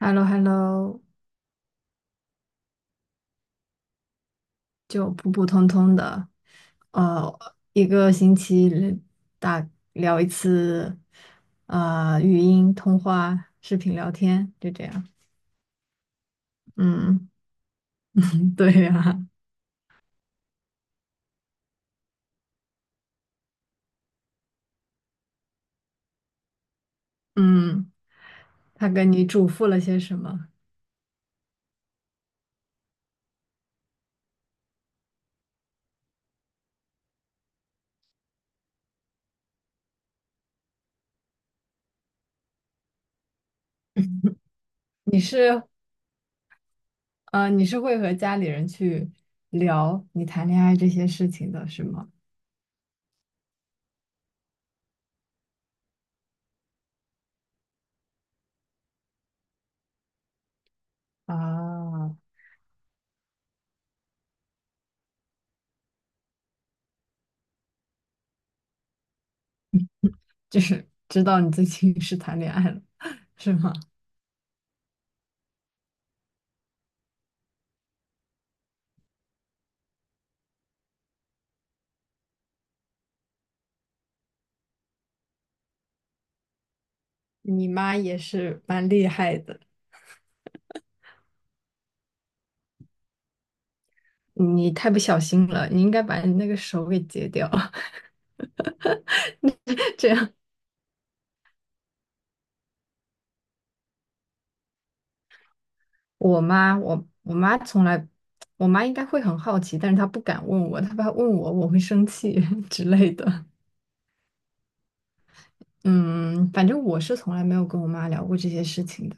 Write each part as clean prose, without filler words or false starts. hello hello 就普普通通的，呃，一个星期里打聊一次，语音通话、视频聊天，就这样。嗯，对呀，嗯，他跟你嘱咐了些什么？你是，你是会和家里人去聊你谈恋爱这些事情的，是吗？啊，就是知道你最近是谈恋爱了，是吗？你妈也是蛮厉害的。你太不小心了，你应该把你那个手给截掉。这样，我妈，我我妈从来，我妈应该会很好奇，但是她不敢问我，她怕问我我会生气 之类的。嗯，反正我是从来没有跟我妈聊过这些事情的。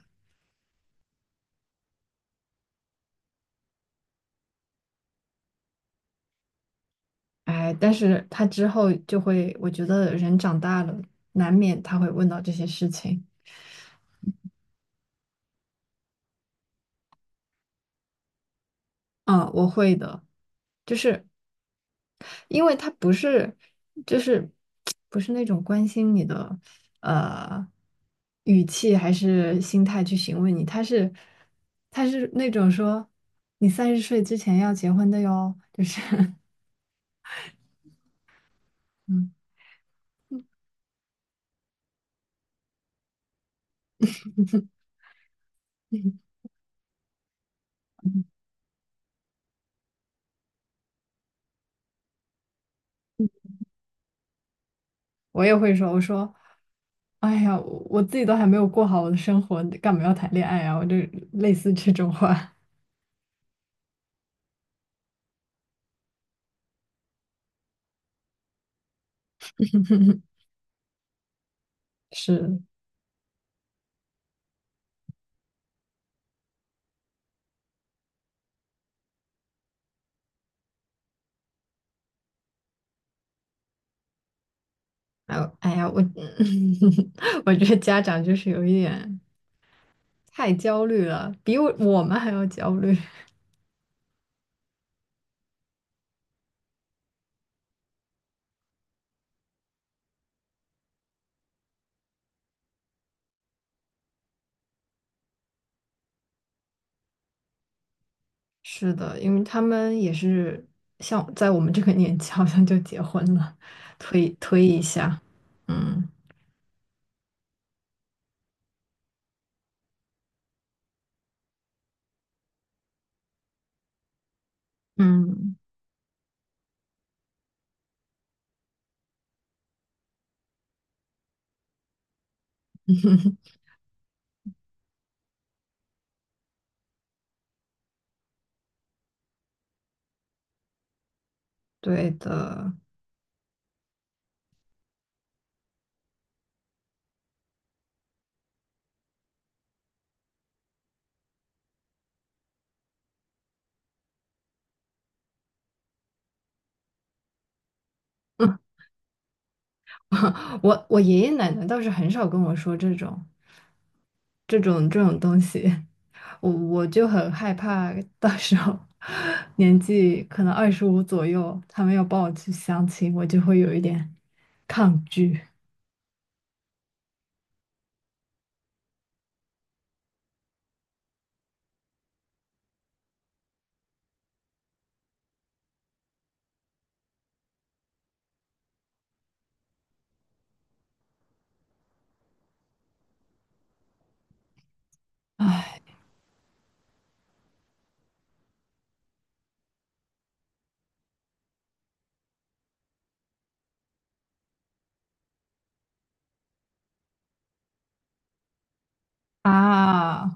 哎，但是她之后就会，我觉得人长大了，难免她会问到这些事情。嗯，我会的，就是因为他不是，就是不是那种关心你的呃语气还是心态去询问你，他是那种说你30岁之前要结婚的哟，就是 嗯，我也会说，我说哎呀，我自己都还没有过好我的生活，干嘛要谈恋爱啊？我就类似这种话是，哎呦哎呀，我 我觉得家长就是有一点。太焦虑了，比我们还要焦虑。是的，因为他们也是像在我们这个年纪，好像就结婚了，推推一下，嗯嗯，对的。我爷爷奶奶倒是很少跟我说这种东西，我就很害怕，到时候 年纪可能25左右，他们要帮我去相亲，我就会有一点抗拒。唉啊，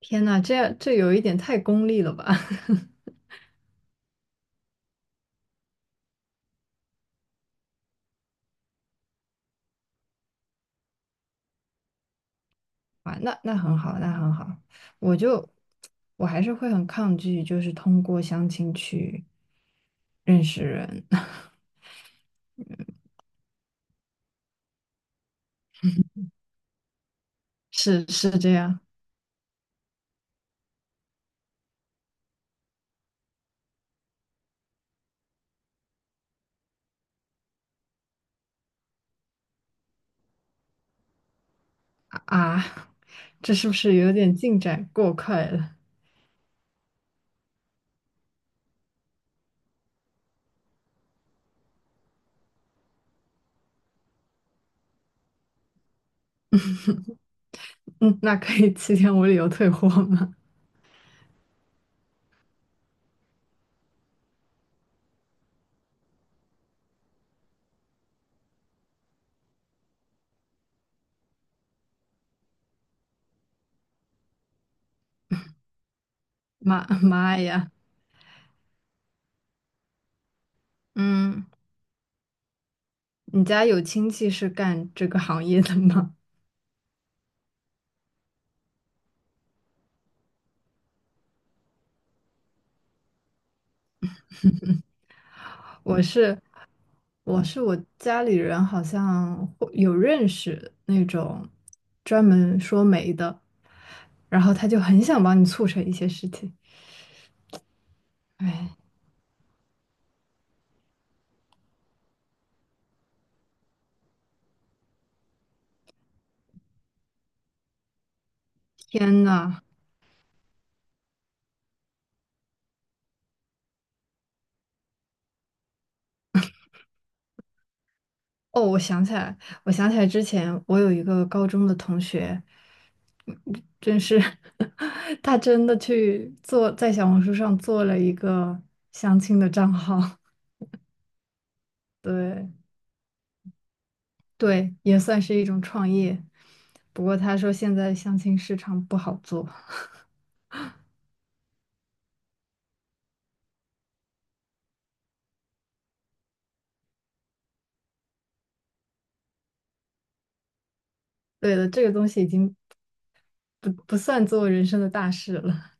天呐，这样这有一点太功利了吧？啊，那很好，那很好。我就我还是会很抗拒，就是通过相亲去认识人，是是这样啊？啊，这是不是有点进展过快了？嗯，那可以7天无理由退货吗？妈妈呀，嗯，你家有亲戚是干这个行业的吗？我是我是我家里人好像会有认识那种专门说媒的，然后他就很想帮你促成一些事情。哎，天呐！哦，我想起来，我想起来之前我有一个高中的同学，嗯真是 他真的去做在小红书上做了一个相亲的账号，对对，也算是一种创业。不过他说现在相亲市场不好做。对的，这个东西已经不算做人生的大事了，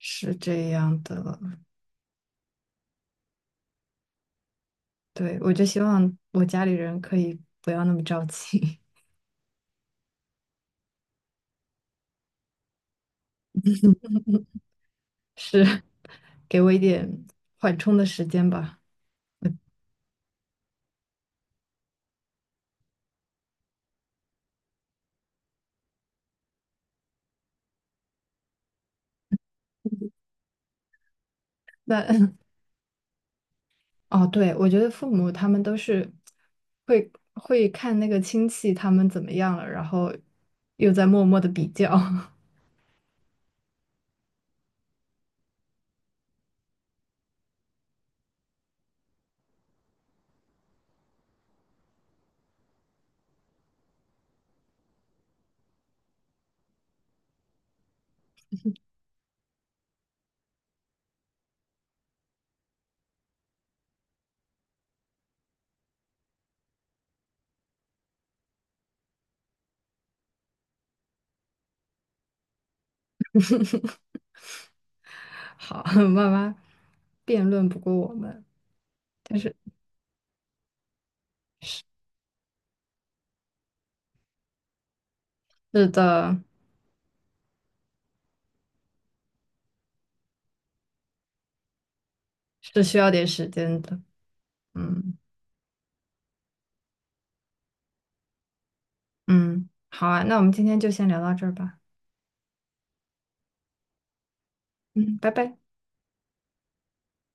是这样的。对，我就希望我家里人可以不要那么着急，是给我一点缓冲的时间吧。那 哦，对，我觉得父母他们都是会看那个亲戚他们怎么样了，然后又在默默的比较。好，慢慢辩论不过我们，但是是的，是需要点时间的，嗯。嗯，好啊，那我们今天就先聊到这儿吧。嗯，拜拜。